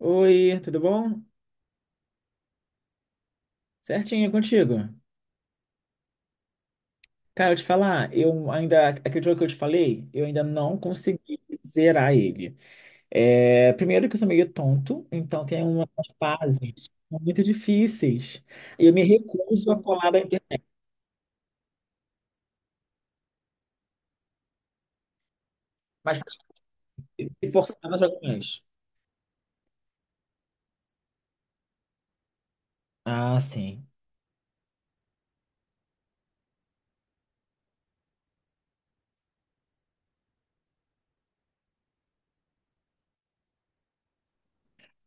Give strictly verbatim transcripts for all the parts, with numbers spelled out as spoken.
Oi, tudo bom? Certinho, e contigo? Cara, eu te falar, eu ainda, aquele jogo que eu te falei, eu ainda não consegui zerar ele. É, primeiro que eu sou meio tonto, então tem umas fases muito difíceis. E eu me recuso a colar da internet, mas me forçado a jogar mais. Ah, sim.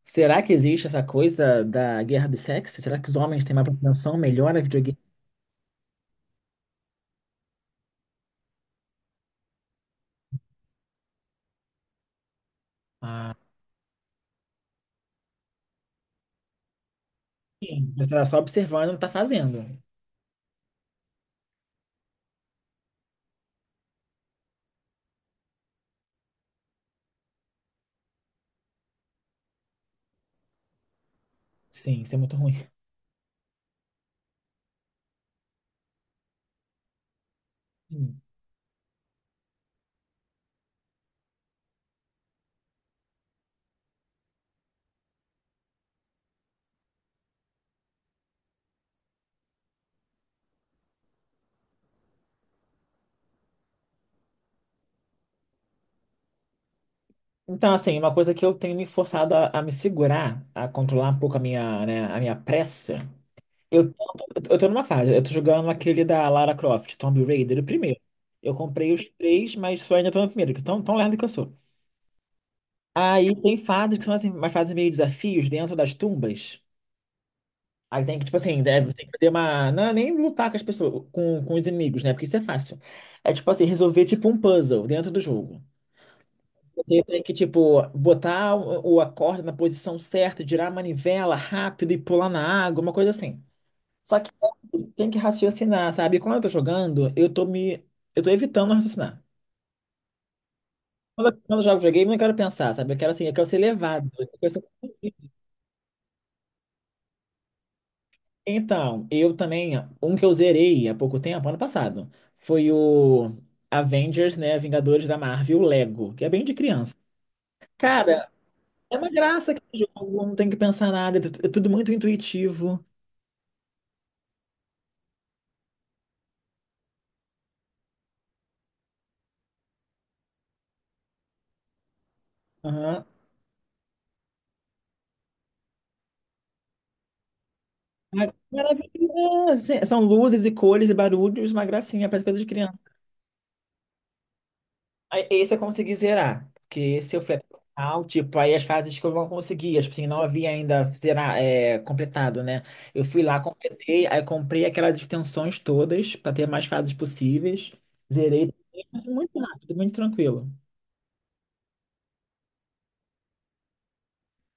Será que existe essa coisa da guerra do sexo? Será que os homens têm mais propensão, melhor a videogame? Ah, sim. Você tá só observando e não tá fazendo. Sim, isso é muito ruim. Hum. Então, assim, uma coisa que eu tenho me forçado a, a me segurar, a controlar um pouco a minha, né, a minha pressa. Eu, tô- eu tô numa fase, eu tô jogando aquele da Lara Croft, Tomb Raider, o primeiro. Eu comprei os três, mas só ainda tô no primeiro, que tão, tão lerdo que eu sou. Aí tem fases que são assim, umas fases meio desafios dentro das tumbas. Aí tem que, tipo assim, deve, tem que fazer uma. Não, é nem lutar com as pessoas, com, com os inimigos, né? Porque isso é fácil. É tipo assim, resolver tipo um puzzle dentro do jogo. Você tem que, tipo, botar o, o- a corda na posição certa, girar a manivela rápido e pular na água, uma coisa assim. Só que tem que raciocinar, sabe? E quando eu tô jogando, eu tô me. Eu tô evitando raciocinar. Quando eu, quando eu jogo videogame, eu não quero pensar, sabe? Eu quero assim, eu quero ser levado. Eu quero ser conduzido. Então, eu também, um que eu zerei há pouco tempo, ano passado, foi o Avengers, né? Vingadores da Marvel, Lego, que é bem de criança. Cara, é uma graça aquele jogo, não tem que pensar nada, é tu- é tudo muito intuitivo. Aham. Ah, maravilhosa! São luzes e cores e barulhos, uma gracinha, parece coisa de criança. Aí, esse eu consegui zerar, porque esse eu fui até o final, tipo, aí as fases que eu não conseguia, tipo assim, não havia ainda zerar, é, completado, né? Eu fui lá, completei, aí comprei aquelas extensões todas, para ter mais fases possíveis, zerei, mas foi muito rápido, muito tranquilo.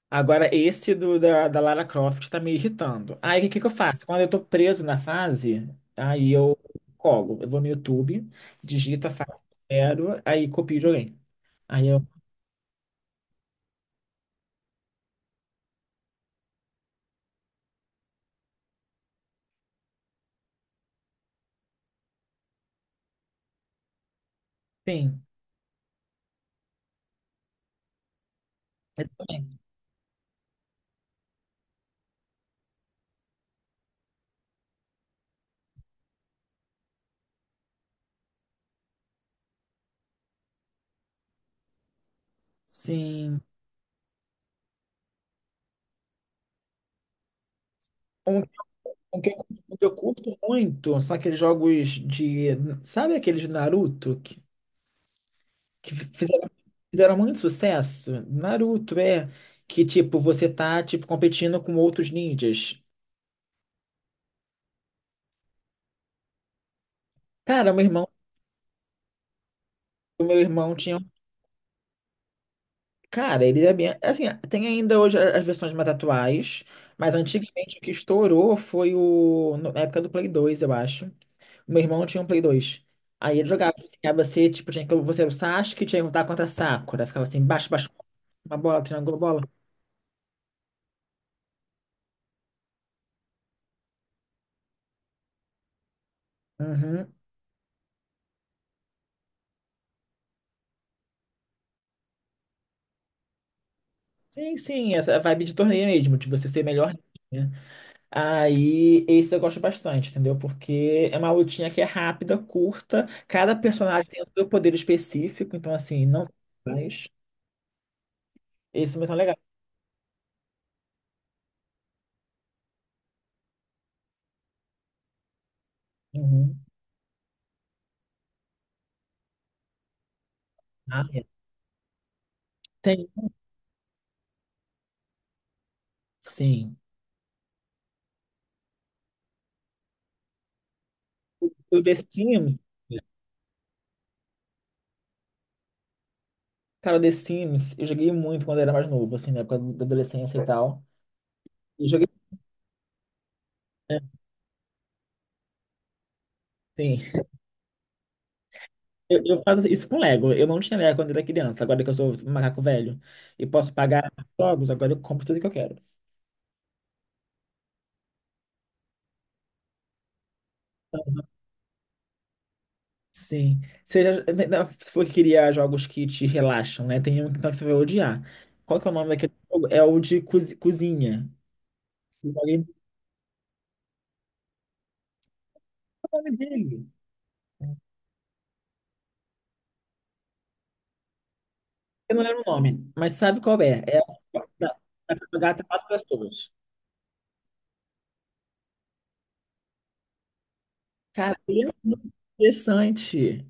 Agora, esse do, da, da Lara Croft tá me irritando. Aí, o que que eu faço? Quando eu tô preso na fase, aí eu colo. Eu vou no YouTube, digito a fase que eu quero, aí copio e joguei. Aí eu, sim, exatamente. Sim. Um, um que eu, um que eu curto muito são aqueles jogos de... Sabe aqueles de Naruto que, que fizeram, fizeram muito sucesso? Naruto, é. Que, tipo, você tá, tipo, competindo com outros ninjas. Cara, meu irmão... O meu irmão tinha cara, ele é bem. Assim, tem ainda hoje as versões mais atuais, mas antigamente o que estourou foi o. no- Na época do Play dois eu acho. O meu irmão tinha um Play dois. Aí ele jogava, assim, aí você, tipo, tinha que. Você era o Sasuke, tinha que lutar contra a Sakura. Ficava assim, baixo, baixo, uma bola, triângulo, bola. Uhum. Sim, sim, essa vibe de torneio mesmo, de você ser melhor, né? Aí, esse eu gosto bastante, entendeu? Porque é uma lutinha que é rápida, curta, cada personagem tem o seu poder específico, então, assim, não. Esse também são legais. Uhum. Ah, é. Tem, sim. O The Sims, cara, o The Sims, eu joguei muito quando era mais novo, assim, na época da adolescência e tal. Eu joguei, né? Sim. Eu, eu faço isso com Lego. Eu não tinha Lego quando era criança, agora que eu sou um macaco velho e posso pagar jogos, agora eu compro tudo que eu quero. Sim. Seja, se for que queria jogos que te relaxam, né? Tem um então, que você vai odiar. Qual que é o nome daquele jogo? É o de cozi- cozinha. Eu joguei- Qual é o nome dele? Eu não lembro o nome, mas sabe qual é? É a da, da caçada quatro pessoas. Cara, ele é muito interessante.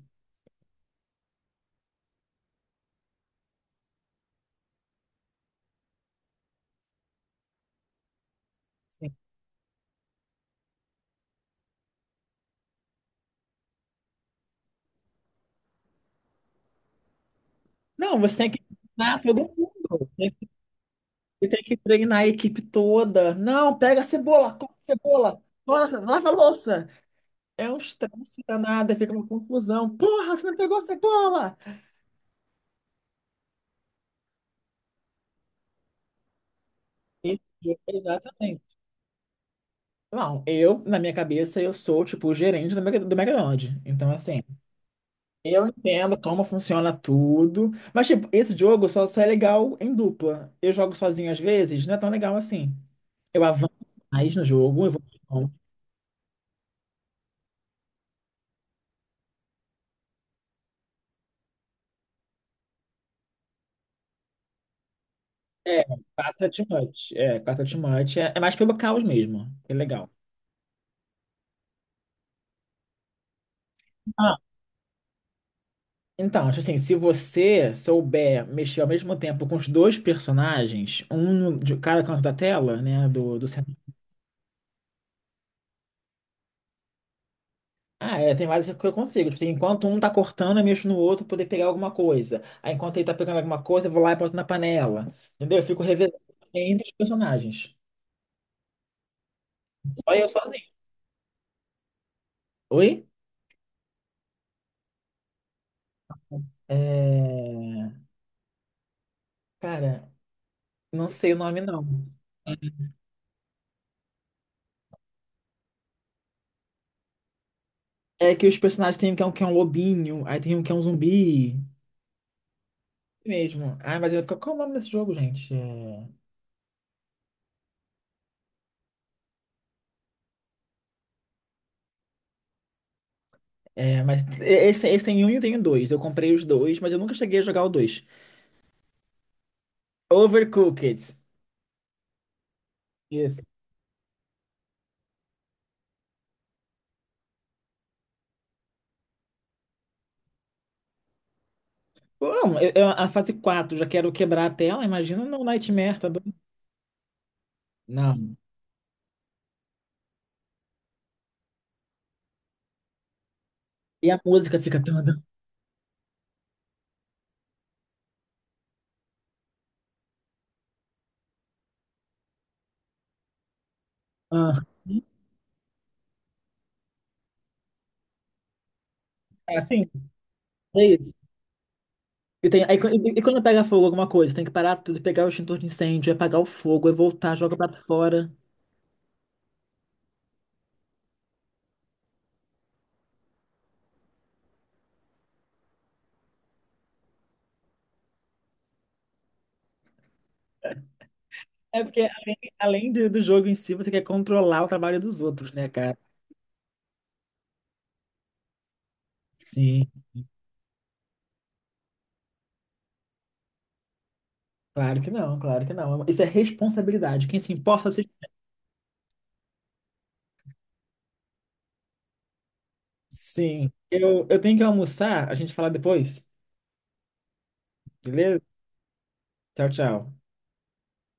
Não, você tem que treinar todo mundo. Tem, você tem que treinar a equipe toda. Não, pega a cebola, corta a cebola, corta, lava a louça. É um estresse danado, fica uma confusão. Porra, você não pegou a cebola! Isso, exatamente. Não, eu, na minha cabeça, eu sou, tipo, o gerente do Mc- do McDonald's. Então, assim, eu entendo como funciona tudo, mas tipo, esse jogo só, só é legal em dupla. Eu jogo sozinho às vezes, não é tão legal assim. Eu avanço mais no jogo, eu vou. É, quatro é too. É, quatro é. É, é mais pelo caos mesmo. É legal. Ah, então, tipo assim, se você souber mexer ao mesmo tempo com os dois personagens, um no- de cada canto da tela, né, do, do. Ah, é, tem várias que eu consigo. Tipo assim, enquanto um tá cortando, eu mexo no outro pra poder pegar alguma coisa. Aí enquanto ele tá pegando alguma coisa, eu vou lá e boto na panela. Entendeu? Eu fico revezando entre os personagens. Só eu sozinho. Oi? É... Cara, não sei o nome não. É que os personagens tem um que é um, que é um lobinho, aí tem um que é um zumbi. Mesmo. Ah, mas eu- qual qual é o nome desse jogo, gente? É, é, mas esse, esse tem um e tem dois. Eu comprei os dois, mas eu nunca cheguei a jogar o dois. Overcooked. Isso. Bom, eu- eu- a fase quatro já quero quebrar a tela, imagina no Nightmare, tá doido? Não. E a música fica toda. Ah, é assim, é isso. E, tem, aí, e, e quando pega fogo alguma coisa, tem que parar tudo, pegar o extintor de incêndio, é apagar o fogo, aí voltar, joga o prato fora. É porque além, além do, do jogo em si, você quer controlar o trabalho dos outros, né, cara? Sim, claro que não, claro que não. Isso é responsabilidade. Quem se importa, se... Sim. Eu, eu tenho que almoçar, a gente fala depois. Beleza? Tchau, tchau.